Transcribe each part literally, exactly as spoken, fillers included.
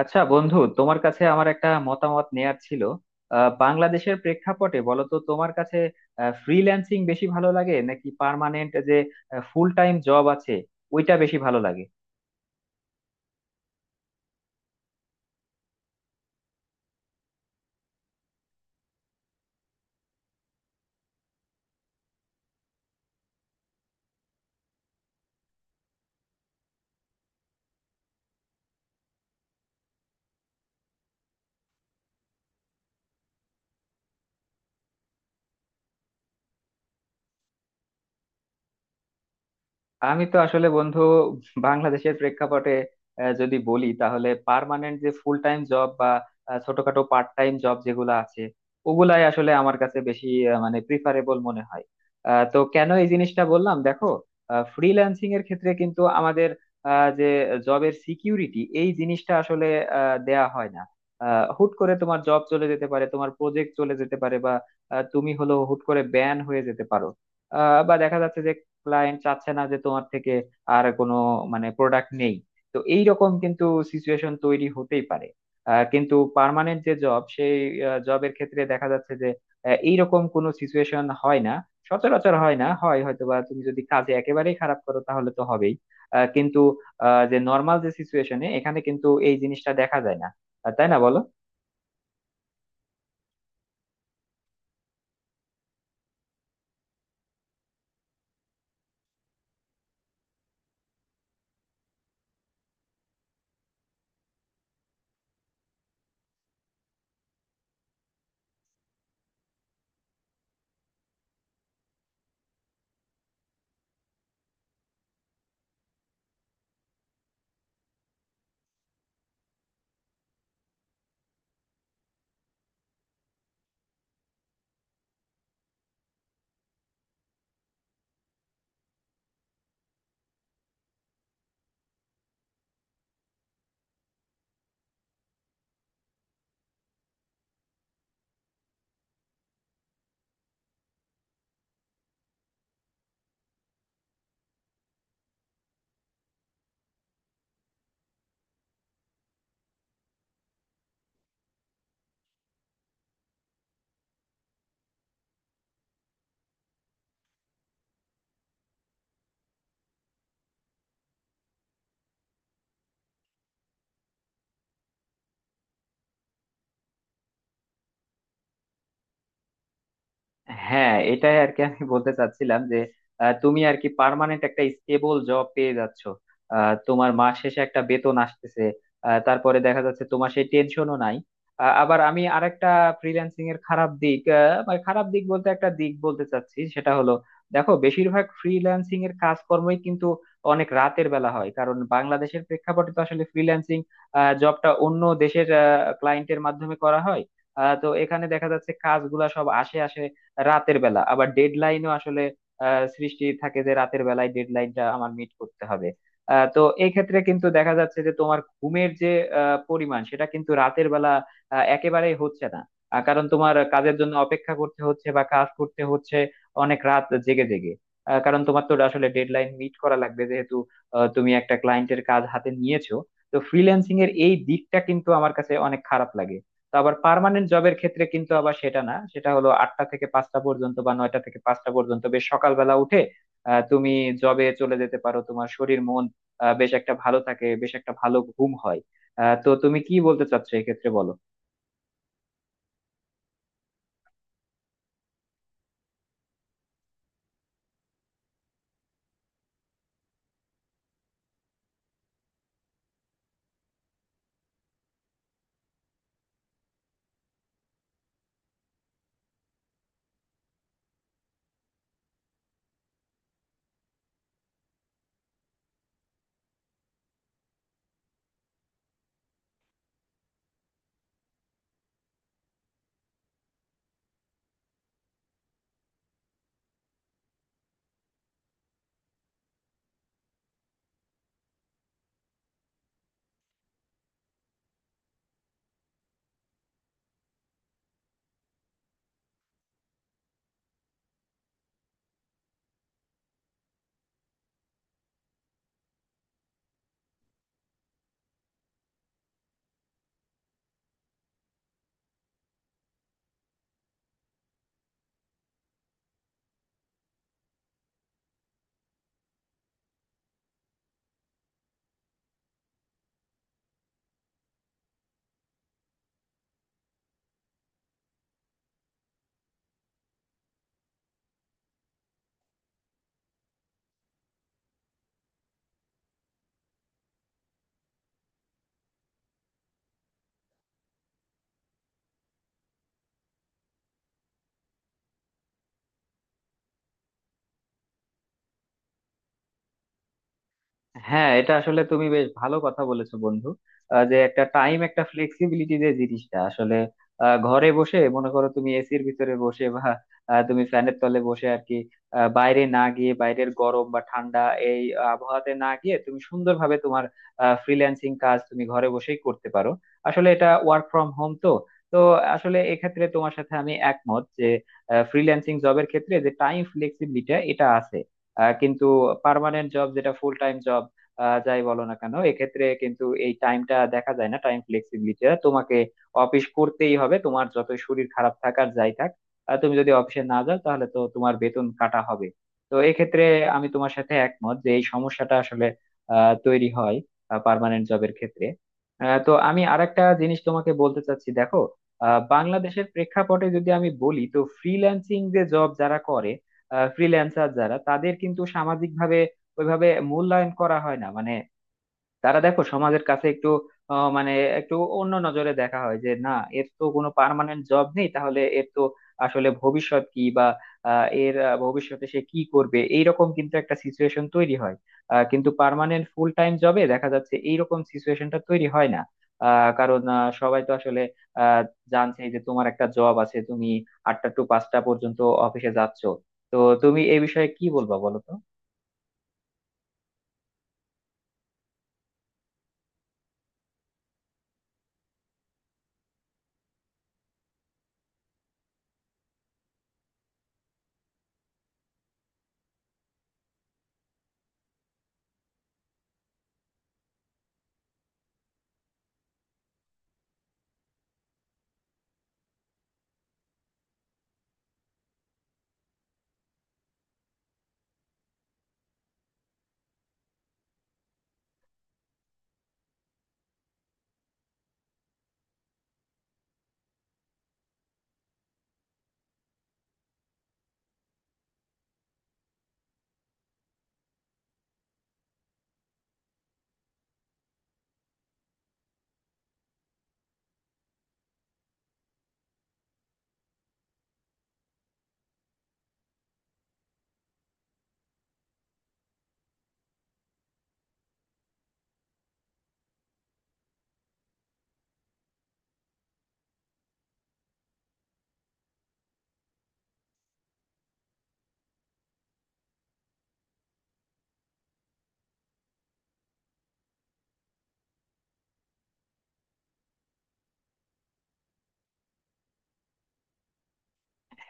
আচ্ছা বন্ধু, তোমার কাছে আমার একটা মতামত নেয়ার ছিল। আহ, বাংলাদেশের প্রেক্ষাপটে বলো তো, তোমার কাছে ফ্রিল্যান্সিং বেশি ভালো লাগে, নাকি পার্মানেন্ট যে ফুল টাইম জব আছে ওইটা বেশি ভালো লাগে? আমি তো আসলে বন্ধু, বাংলাদেশের প্রেক্ষাপটে আহ, যদি বলি, তাহলে পার্মানেন্ট যে ফুল টাইম জব বা আহ, ছোটখাটো পার্ট টাইম জব যেগুলো আছে, ওগুলাই আসলে আমার কাছে বেশি আহ, মানে প্রিফারেবল মনে হয়। আহ, তো কেন এই জিনিসটা বললাম, দেখো, ফ্রিল্যান্সিং এর ক্ষেত্রে কিন্তু আমাদের আহ, যে জবের সিকিউরিটি এই জিনিসটা আসলে আহ, দেয়া হয় না। আহ, হুট করে তোমার জব চলে যেতে পারে, তোমার প্রজেক্ট চলে যেতে পারে, বা আহ, তুমি হলো হুট করে ব্যান হয়ে যেতে পারো। আহ বা দেখা যাচ্ছে যে ক্লায়েন্ট চাচ্ছে না যে তোমার থেকে আর কোনো মানে প্রোডাক্ট নেই। তো এই রকম কিন্তু সিচুয়েশন তৈরি হতেই পারে। আহ, কিন্তু পার্মানেন্ট যে জব, সেই জবের ক্ষেত্রে দেখা যাচ্ছে যে আহ, এইরকম কোনো সিচুয়েশন হয় না। সচরাচর হয় না, হয় হয়তোবা তুমি যদি কাজে একেবারেই খারাপ করো তাহলে তো হবেই। আহ, কিন্তু আহ, যে নর্মাল যে সিচুয়েশনে, এখানে কিন্তু এই জিনিসটা দেখা যায় না। আহ, তাই না, বলো? হ্যাঁ, এটাই আর কি আমি বলতে চাচ্ছিলাম যে আহ, তুমি আর কি পার্মানেন্ট একটা স্টেবল জব পেয়ে যাচ্ছ, আহ, তোমার মাস শেষে একটা বেতন আসতেছে, আহ, তারপরে দেখা যাচ্ছে তোমার সেই টেনশনও নাই। আহ, আবার আমি আরেকটা ফ্রিল্যান্সিং এর খারাপ দিক, আহ, মানে খারাপ দিক বলতে একটা দিক বলতে চাচ্ছি, সেটা হলো দেখো, বেশিরভাগ ফ্রিল্যান্সিং এর কাজকর্মই কিন্তু অনেক রাতের বেলা হয়, কারণ বাংলাদেশের প্রেক্ষাপটে তো আসলে ফ্রিল্যান্সিং জবটা অন্য দেশের ক্লায়েন্টের মাধ্যমে করা হয়। আহ, তো এখানে দেখা যাচ্ছে কাজগুলা সব আসে আসে রাতের বেলা। আবার ডেডলাইনও আসলে আহ, সৃষ্টি থাকে যে রাতের বেলায় ডেডলাইনটা আমার মিট করতে হবে। আহ, তো এই ক্ষেত্রে কিন্তু দেখা যাচ্ছে যে তোমার ঘুমের যে আহ, পরিমাণ, সেটা কিন্তু রাতের বেলা আহ, একেবারেই হচ্ছে না, আহ, কারণ তোমার কাজের জন্য অপেক্ষা করতে হচ্ছে, বা কাজ করতে হচ্ছে অনেক রাত জেগে জেগে, আহ, কারণ তোমার তো আসলে ডেডলাইন মিট করা লাগবে, যেহেতু আহ, তুমি একটা ক্লায়েন্টের কাজ হাতে নিয়েছো। তো ফ্রিল্যান্সিং এর এই দিকটা কিন্তু আমার কাছে অনেক খারাপ লাগে। তো আবার পার্মানেন্ট জবের ক্ষেত্রে কিন্তু আবার সেটা না, সেটা হলো আটটা থেকে পাঁচটা পর্যন্ত বা নয়টা থেকে পাঁচটা পর্যন্ত, বেশ সকালবেলা উঠে আহ, তুমি জবে চলে যেতে পারো, তোমার শরীর মন আহ, বেশ একটা ভালো থাকে, বেশ একটা ভালো ঘুম হয়। আহ, তো তুমি কি বলতে চাচ্ছো এই ক্ষেত্রে, বলো। হ্যাঁ, এটা আসলে তুমি বেশ ভালো কথা বলেছো বন্ধু। আহ, যে একটা টাইম, একটা ফ্লেক্সিবিলিটি, যে জিনিসটা আসলে আহ, ঘরে বসে, মনে করো তুমি এসির ভিতরে বসে, বা আহ, তুমি ফ্যানের তলে বসে আর কি, আহ, বাইরে না গিয়ে, বাইরের গরম বা ঠান্ডা এই আবহাওয়াতে না গিয়ে তুমি সুন্দরভাবে তোমার ফ্রিল্যান্সিং কাজ তুমি ঘরে বসেই করতে পারো, আসলে এটা ওয়ার্ক ফ্রম হোম তো। তো আসলে এক্ষেত্রে তোমার সাথে আমি একমত যে ফ্রিল্যান্সিং জবের ক্ষেত্রে যে টাইম ফ্লেক্সিবিলিটি, এটা আছে। আহ, কিন্তু পার্মানেন্ট জব, যেটা ফুল টাইম জব, আহ, যাই বলো না কেন, এক্ষেত্রে কিন্তু এই টাইমটা দেখা যায় না, টাইম ফ্লেক্সিবিলিটিটা। তোমাকে অফিস করতেই হবে, তোমার যত শরীর খারাপ থাক আর যাই থাক। আহ, তুমি যদি অফিসে না যাও তাহলে তো তোমার বেতন কাটা হবে। তো এক্ষেত্রে আমি তোমার সাথে একমত যে এই সমস্যাটা আসলে আহ, তৈরি হয় পার্মানেন্ট জবের ক্ষেত্রে। আহ, তো আমি আরেকটা জিনিস তোমাকে বলতে চাচ্ছি, দেখো, আহ, বাংলাদেশের প্রেক্ষাপটে যদি আমি বলি, তো ফ্রিল্যান্সিং যে জব যারা করে, ফ্রিল্যান্সার যারা, তাদের কিন্তু সামাজিকভাবে ওইভাবে মূল্যায়ন করা হয় না। মানে তারা দেখো, সমাজের কাছে একটু আহ, মানে একটু অন্য নজরে দেখা হয় যে, না, এর তো কোনো পার্মানেন্ট জব নেই, তাহলে এর তো আসলে ভবিষ্যৎ কি, বা আহ, এর আহ, ভবিষ্যতে সে কি করবে, এইরকম কিন্তু একটা সিচুয়েশন তৈরি হয়। আহ, কিন্তু পার্মানেন্ট ফুল টাইম জবে দেখা যাচ্ছে এইরকম সিচুয়েশনটা তৈরি হয় না, আহ, কারণ আহ, সবাই তো আসলে আহ, জানছে যে তোমার একটা জব আছে, তুমি আটটা টু পাঁচটা পর্যন্ত অফিসে যাচ্ছ। তো তুমি এই বিষয়ে কি বলবা, বলো তো।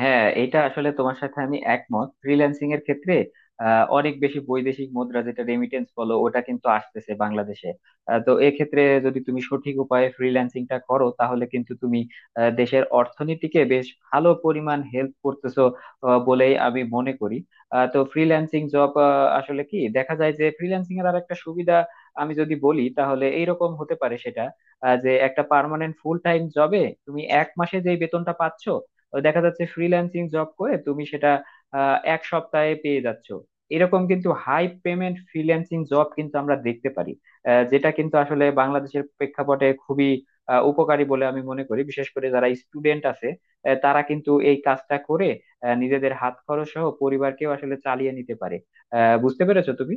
হ্যাঁ, এটা আসলে তোমার সাথে আমি একমত। ফ্রিল্যান্সিং এর ক্ষেত্রে আহ, অনেক বেশি বৈদেশিক মুদ্রা, যেটা রেমিটেন্স বলো, ওটা কিন্তু আসতেছে বাংলাদেশে। আহ, তো এক্ষেত্রে যদি তুমি সঠিক উপায়ে ফ্রিল্যান্সিংটা করো তাহলে কিন্তু তুমি আহ, দেশের অর্থনীতিকে বেশ ভালো পরিমাণ হেল্প করতেছো আহ, বলেই আমি মনে করি। আহ, তো ফ্রিল্যান্সিং জব, আসলে কি দেখা যায় যে ফ্রিল্যান্সিং এর আর একটা সুবিধা আমি যদি বলি তাহলে এইরকম হতে পারে, সেটা আহ, যে একটা পার্মানেন্ট ফুল টাইম জবে তুমি এক মাসে যে বেতনটা পাচ্ছ, দেখা যাচ্ছে ফ্রিল্যান্সিং জব করে তুমি সেটা আহ, এক সপ্তাহে পেয়ে যাচ্ছ। এরকম কিন্তু হাই পেমেন্ট ফ্রিল্যান্সিং জব কিন্তু আমরা দেখতে পারি, আহ, যেটা কিন্তু আসলে বাংলাদেশের প্রেক্ষাপটে খুবই আহ, উপকারী বলে আমি মনে করি। বিশেষ করে যারা স্টুডেন্ট আছে আহ, তারা কিন্তু এই কাজটা করে আহ, নিজেদের হাত খরচ সহ পরিবারকেও আসলে চালিয়ে নিতে পারে। আহ বুঝতে পেরেছো তুমি?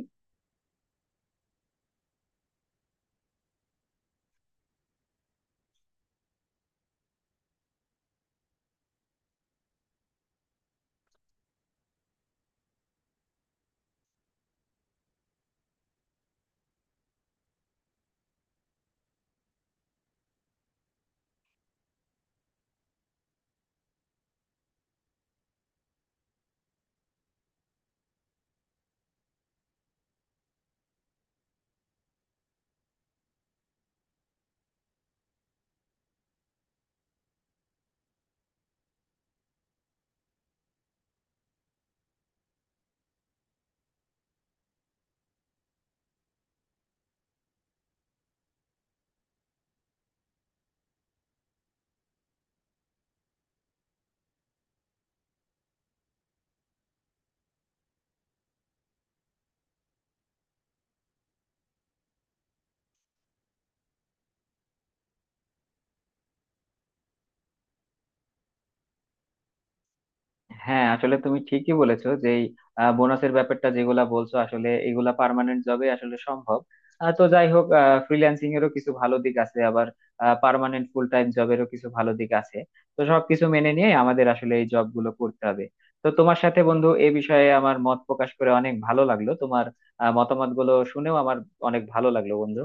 হ্যাঁ, আসলে তুমি ঠিকই বলেছো যে এই বোনাসের ব্যাপারটা যেগুলা বলছো, আসলে এগুলা পার্মানেন্ট জবে আসলে সম্ভব। আহ, তো যাই হোক, ফ্রিল্যান্সিং এরও কিছু ভালো দিক আছে, আবার পার্মানেন্ট ফুল টাইম জবেরও কিছু ভালো দিক আছে। তো সবকিছু মেনে নিয়ে আমাদের আসলে এই জব গুলো করতে হবে। তো তোমার সাথে বন্ধু এ বিষয়ে আমার মত প্রকাশ করে অনেক ভালো লাগলো, তোমার মতামত গুলো শুনেও আমার অনেক ভালো লাগলো বন্ধু।